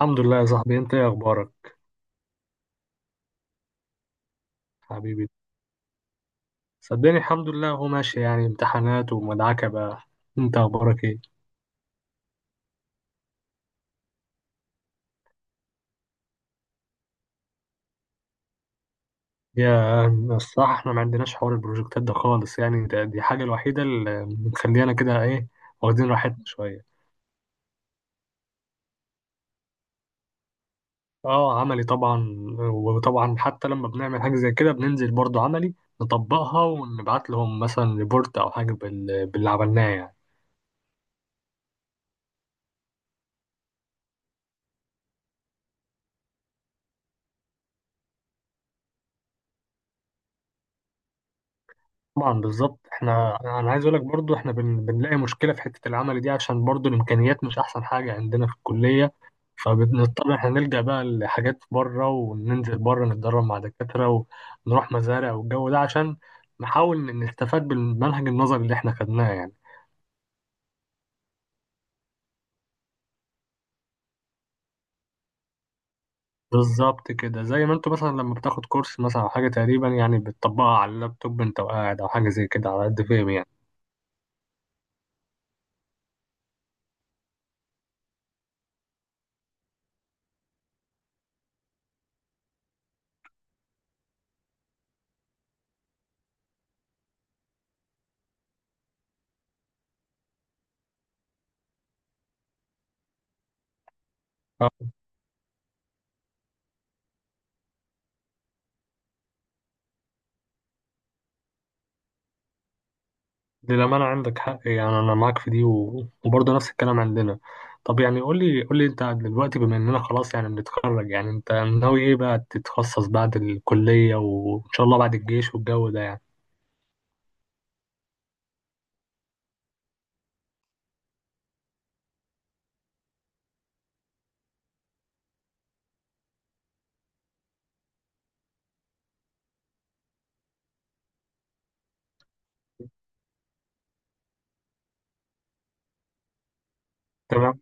الحمد لله يا صاحبي، انت ايه اخبارك؟ حبيبي، صدقني الحمد لله هو ماشي يعني امتحانات ومدعكة بقى. انت اخبارك ايه؟ يا الصراحة احنا ما عندناش حوار البروجكتات ده خالص يعني دي حاجة الوحيدة اللي مخلينا كده ايه، واخدين راحتنا شوية. اه، عملي طبعا، وطبعا حتى لما بنعمل حاجة زي كده بننزل برضو عملي، نطبقها ونبعت لهم مثلا ريبورت او حاجة باللي عملناه يعني. طبعا بالظبط، انا عايز اقول لك برضو احنا بنلاقي مشكله في حته العمل دي، عشان برضو الامكانيات مش احسن حاجه عندنا في الكليه. فبنضطر احنا نلجأ بقى لحاجات بره، وننزل بره نتدرب مع دكاتره ونروح مزارع والجو ده، عشان نحاول نستفاد بالمنهج النظري اللي احنا خدناه يعني. بالظبط كده، زي ما انتوا مثلا لما بتاخد كورس مثلا او حاجه تقريبا، يعني بتطبقها على اللابتوب انت وقاعد، او حاجه زي كده، على قد فهمي يعني. للأمانة عندك حق يعني، أنا معاك في دي وبرضه نفس الكلام عندنا. طب يعني قول لي قول لي أنت دلوقتي بما إننا خلاص يعني بنتخرج، يعني أنت ناوي إيه بقى تتخصص بعد الكلية وإن شاء الله بعد الجيش والجو ده يعني؟ تمام.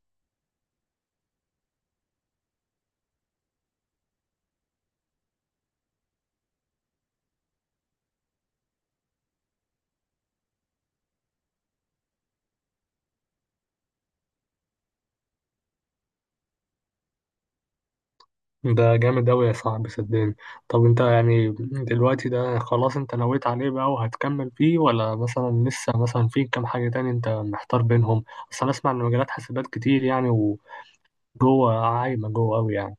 ده جامد أوي يا صاحبي، صدقني. طب أنت يعني دلوقتي، ده خلاص أنت نويت عليه بقى وهتكمل فيه، ولا مثلا لسه مثلا في كام حاجة تاني أنت محتار بينهم؟ أصل أنا أسمع إن مجالات حاسبات كتير يعني، وجوه عايمة جوه أوي يعني.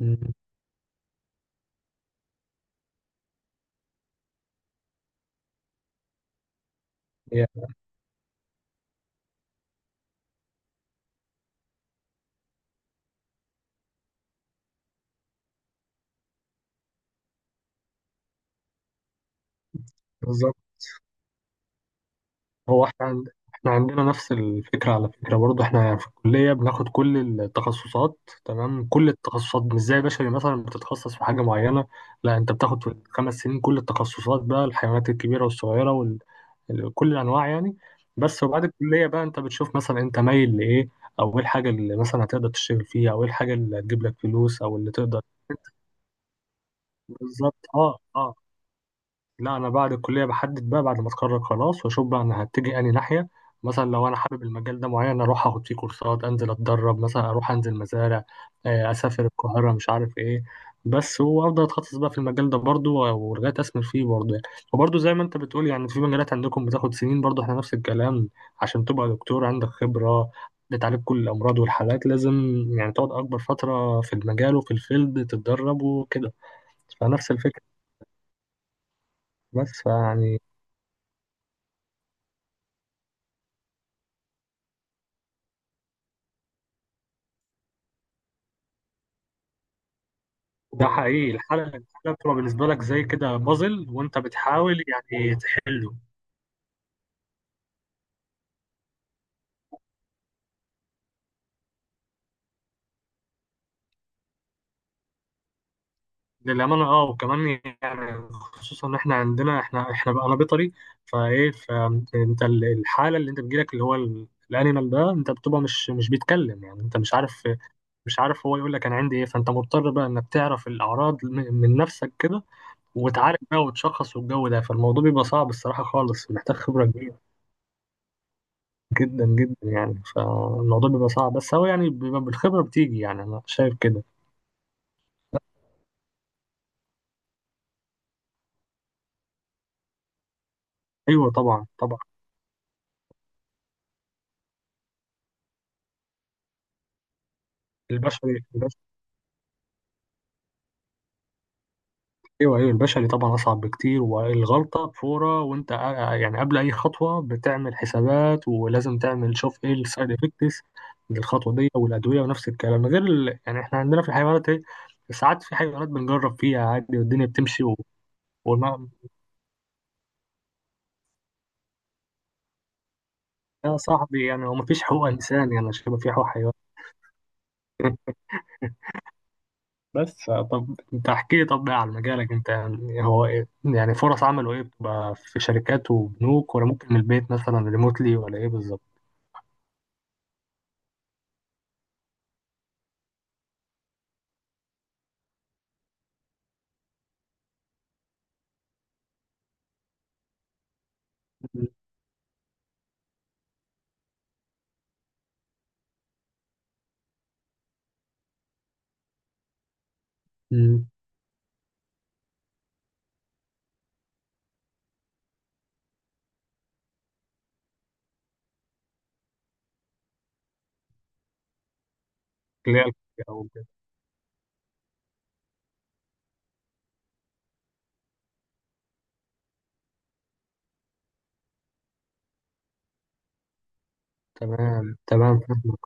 مم. يعني بالظبط. هو احنا احنا عندنا نفس الفكرة على فكرة برضه، احنا في الكلية بناخد كل التخصصات، تمام كل التخصصات مش زي بشري مثلا بتتخصص في حاجة معينة. لا، انت بتاخد في الخمس سنين كل التخصصات بقى، الحيوانات الكبيرة والصغيرة، وكل كل الأنواع يعني. بس وبعد الكلية بقى انت بتشوف مثلا انت مايل لإيه، أو إيه الحاجة اللي مثلا هتقدر تشتغل فيها، أو إيه الحاجة اللي هتجيب لك فلوس أو اللي تقدر. بالظبط، اه اه. لا، انا بعد الكليه بحدد بقى، بعد ما اتخرج خلاص واشوف بقى انا هتجي انهي ناحيه. مثلا لو انا حابب المجال ده معين اروح اخد فيه كورسات، انزل اتدرب، مثلا اروح انزل مزارع، آه، اسافر القاهره، مش عارف ايه. بس وافضل اتخصص بقى في المجال ده برضو، ولغايه اسمر فيه برضو يعني. وبرضو زي ما انت بتقول يعني في مجالات عندكم بتاخد سنين، برضو احنا نفس الكلام، عشان تبقى دكتور عندك خبره بتعالج كل الامراض والحالات، لازم يعني تقعد اكبر فتره في المجال وفي الفيلد تتدرب وكده. فنفس الفكره، بس يعني. ده حقيقي، الحلقة بتبقى بالنسبة لك زي كده بازل وانت بتحاول يعني تحله. للأمانة اه، وكمان يعني خصوصا ان احنا عندنا، احنا بقى انا بيطري، فايه فانت الحالة اللي انت بتجيلك اللي هو الانيمال ده، انت بتبقى مش بيتكلم يعني، انت مش عارف، مش عارف هو يقول لك انا عندي ايه. فانت مضطر بقى انك تعرف الاعراض من نفسك كده، وتعالج بقى وتشخص والجو ده. فالموضوع بيبقى صعب الصراحة خالص، محتاج خبرة جدا جدا يعني. فالموضوع بيبقى صعب، بس هو يعني بيبقى بالخبرة بتيجي يعني، أنا شايف كده. أيوه طبعا طبعا. البشري البشري. أيوه أيوه، البشري طبعا أصعب بكتير، والغلطة فورة، وأنت يعني قبل أي خطوة بتعمل حسابات، ولازم تعمل شوف إيه السايد إفكتس للخطوة دي والأدوية، ونفس الكلام غير يعني إحنا عندنا في الحيوانات إيه، ساعات في حيوانات بنجرب فيها عادي والدنيا بتمشي و... وما يا صاحبي يعني، هو مفيش حقوق إنسان يعني، شبه في حقوق حيوان. بس طب انت احكي لي، طب بقى عن مجالك انت يعني، هو ايه يعني فرص عمله، ايه بتبقى في شركات وبنوك، ولا ممكن من البيت مثلا ريموتلي، ولا ايه بالظبط؟ امم. اللي هي الفكرة او كده. تمام تمام فاهمك.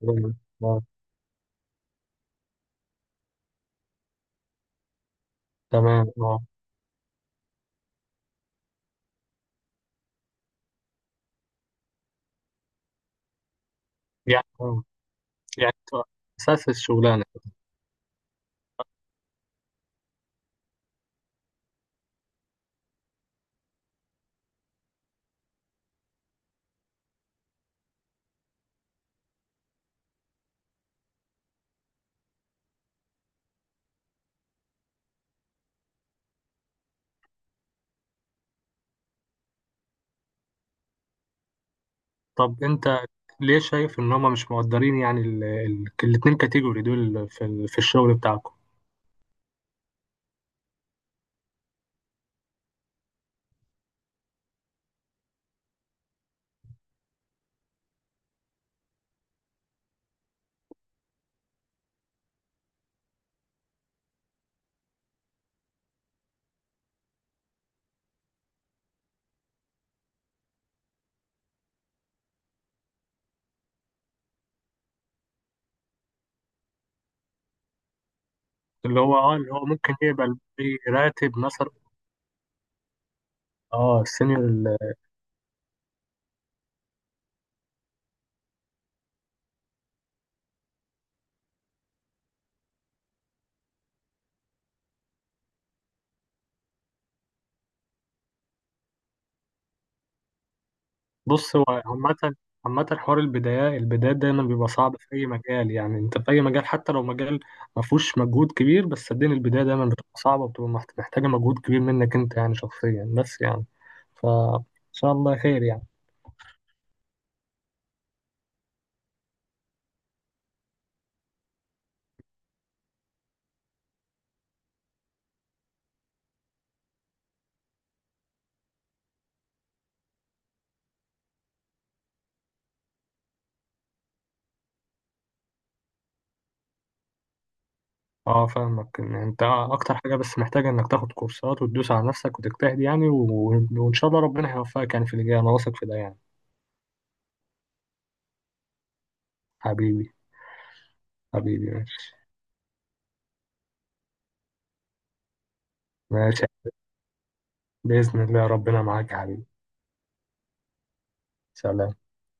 تمام اه. تمام اه. يعني اه. يعني انت اساس الشغلانه. طب انت ليه شايف ان هم مش مقدرين يعني، الاتنين كاتيجوري دول في في الشغل بتاعكم؟ اللي هو اه، اللي هو ممكن يقبل براتب مثلا، اه السينيور. بص هو عامة، عامة حوار البداية، البدايات دايما بيبقى صعب في أي مجال يعني، أنت في أي مجال حتى لو مجال ما فيهوش مجهود كبير، بس صدقني البداية دايما بتبقى صعبة وبتبقى محتاجة مجهود كبير منك أنت يعني شخصيا، بس يعني. فإن شاء الله خير يعني. أه فاهمك، إن أنت أكتر حاجة بس محتاجة إنك تاخد كورسات وتدوس على نفسك وتجتهد يعني وإن شاء الله ربنا هيوفقك يعني في اللي جاي، أنا واثق في ده يعني. حبيبي، حبيبي، ماشي. ماشي، بإذن الله ربنا معاك يا حبيبي. سلام.